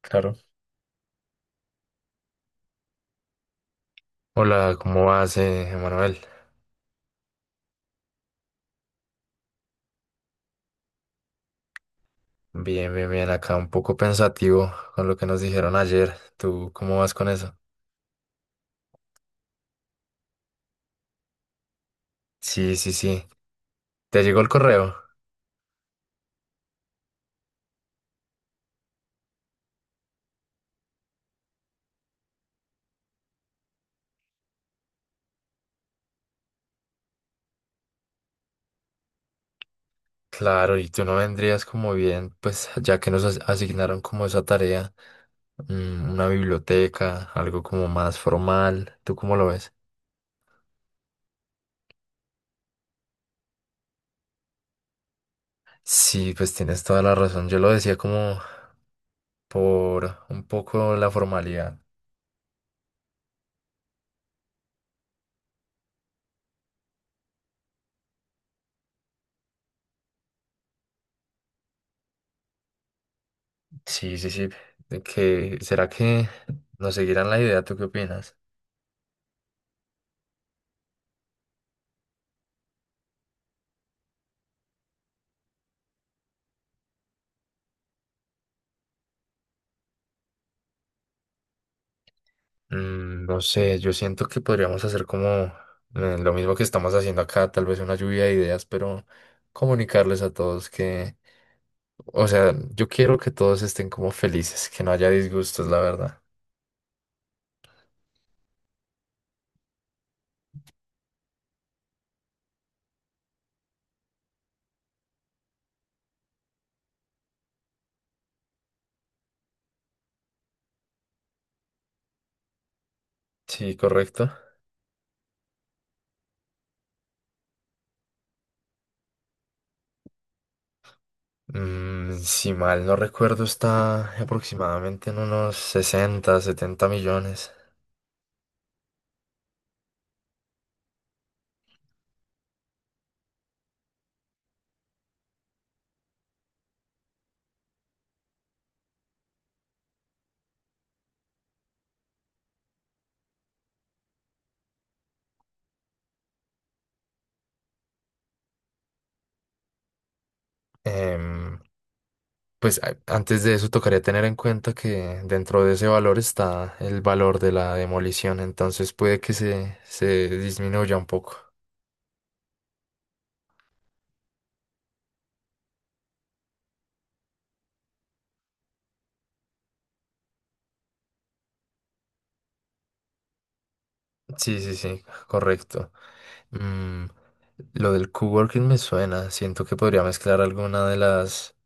Claro. Hola, ¿cómo vas, Emanuel? Bien, bien, bien. Acá un poco pensativo con lo que nos dijeron ayer. ¿Tú cómo vas con eso? Sí, sí, sí. ¿Te llegó el correo? Claro, y tú no vendrías como bien, pues ya que nos asignaron como esa tarea, una biblioteca, algo como más formal. ¿Tú cómo lo ves? Sí, pues tienes toda la razón. Yo lo decía como por un poco la formalidad. Sí, sí, sí. ¿De que será que nos seguirán la idea? ¿Tú qué opinas? No sé, yo siento que podríamos hacer como lo mismo que estamos haciendo acá, tal vez una lluvia de ideas, pero comunicarles a todos que, o sea, yo quiero que todos estén como felices, que no haya disgustos, la verdad. Sí, correcto. Si mal no recuerdo, está aproximadamente en unos 60, 70 millones. Em, Pues antes de eso tocaría tener en cuenta que dentro de ese valor está el valor de la demolición, entonces puede que se disminuya un poco. Sí, sí, sí, correcto. Mm, lo del coworking me suena, siento que podría mezclar alguna de las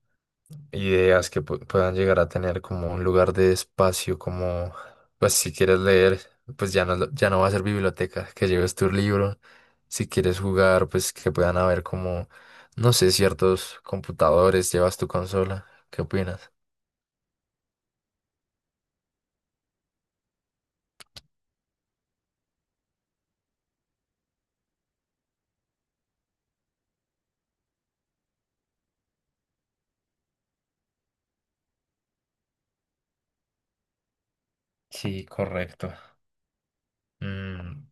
ideas que puedan llegar a tener como un lugar de espacio, como, pues si quieres leer, pues ya no, ya no va a ser biblioteca, que lleves tu libro, si quieres jugar, pues que puedan haber como, no sé, ciertos computadores, llevas tu consola. ¿Qué opinas? Sí, correcto. Mm,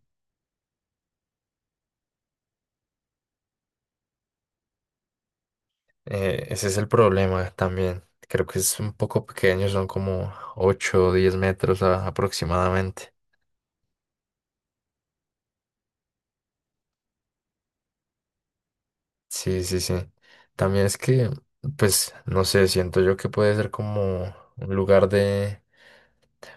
ese es el problema también. Creo que es un poco pequeño, son como 8 o 10 metros aproximadamente. Sí, sí, sí. También es que, pues, no sé, siento yo que puede ser como un lugar de,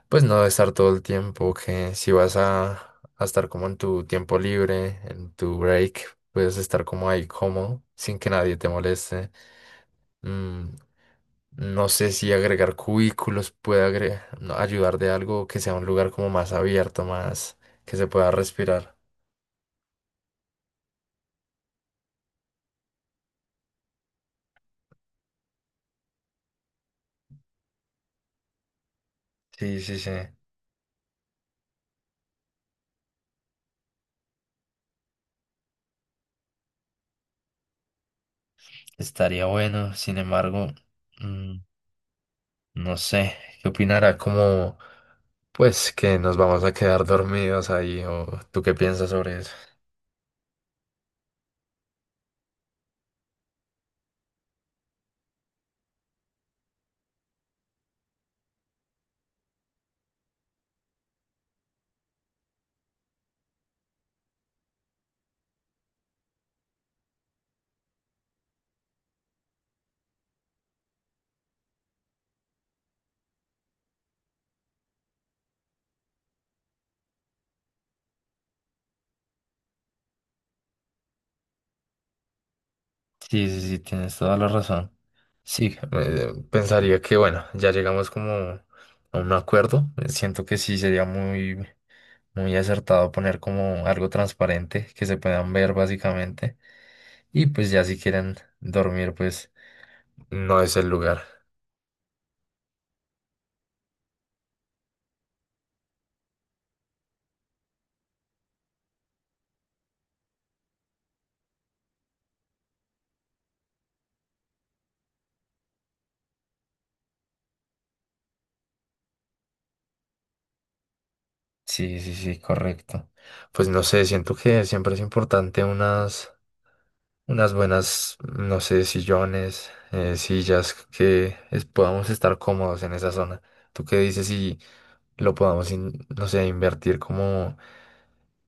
pues, no de estar todo el tiempo, que si vas a estar como en tu tiempo libre, en tu break, puedes estar como ahí cómodo, sin que nadie te moleste. Mm, no sé si agregar cubículos puede no, ayudar de algo que sea un lugar como más abierto, más que se pueda respirar. Sí, sí, sí. Estaría bueno, sin embargo. No sé, ¿qué opinará? Como, pues, que nos vamos a quedar dormidos ahí, o tú qué piensas sobre eso. Sí, sí, sí, tienes toda la razón. Sí, pensaría que, bueno, ya llegamos como a un acuerdo. Siento que sí sería muy, muy acertado poner como algo transparente que se puedan ver básicamente. Y pues ya si quieren dormir, pues no es el lugar. Sí, sí, sí, correcto. Pues no sé, siento que siempre es importante unas unas buenas, no sé, sillones, sillas que podamos estar cómodos en esa zona. ¿Tú qué dices si lo podamos, no sé, invertir como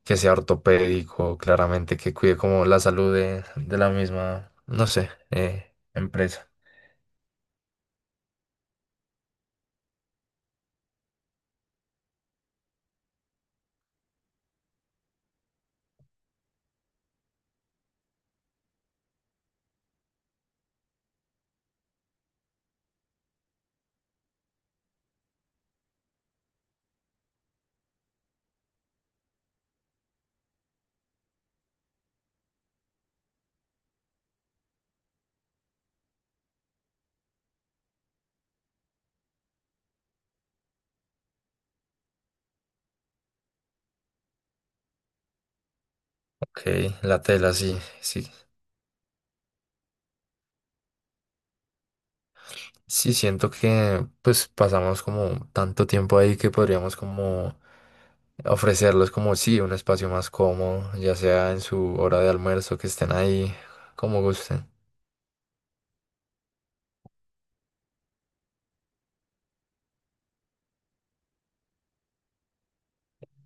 que sea ortopédico, claramente, que cuide como la salud de la misma, no sé, empresa? Ok, la tela, sí, sí. Sí, siento que pues pasamos como tanto tiempo ahí que podríamos como ofrecerles como sí, un espacio más cómodo, ya sea en su hora de almuerzo, que estén ahí como gusten.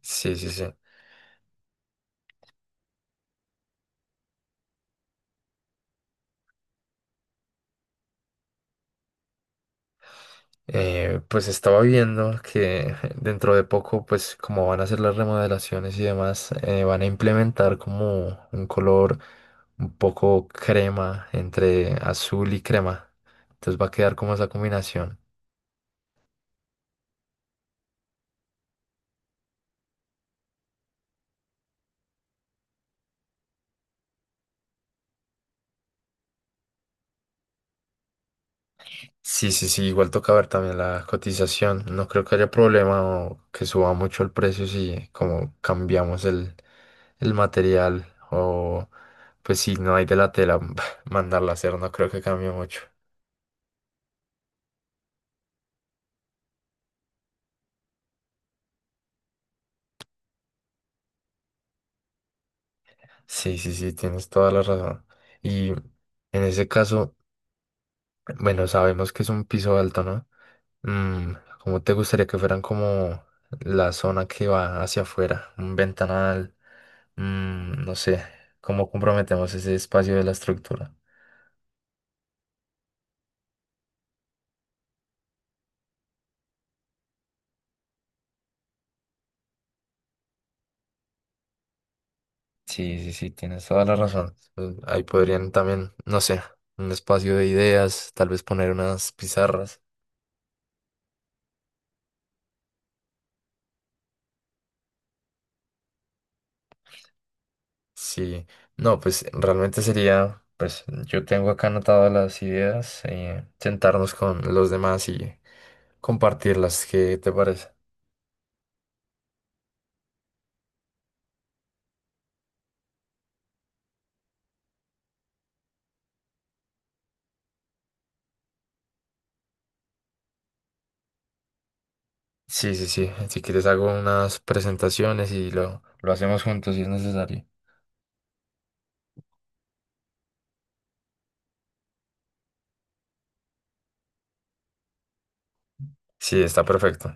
Sí, sí, sí. Pues estaba viendo que dentro de poco, pues como van a hacer las remodelaciones y demás, van a implementar como un color un poco crema, entre azul y crema. Entonces va a quedar como esa combinación. Sí, sí, sí, igual toca ver también la cotización. No creo que haya problema o que suba mucho el precio si como cambiamos el material o pues si no hay de la tela, mandarla a hacer, no creo que cambie mucho. Sí, sí, sí, tienes toda la razón. Y en ese caso, bueno, sabemos que es un piso alto, ¿no? Mm, ¿Cómo te gustaría que fueran como la zona que va hacia afuera? Un ventanal. No sé cómo comprometemos ese espacio de la estructura. Sí, sí, sí, tienes toda la razón. Ahí podrían también, no sé, un espacio de ideas, tal vez poner unas pizarras. Sí, no, pues realmente sería, pues yo tengo acá anotadas las ideas, sentarnos con los demás y compartirlas. ¿Qué te parece? Sí, sí, sí. Si quieres hago unas presentaciones y lo hacemos juntos si es necesario. Sí, está perfecto.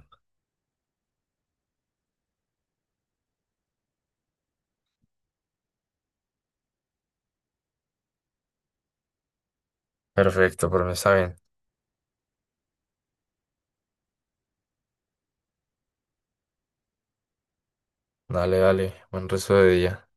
Perfecto, por mí está bien. Dale, dale, buen resto de día.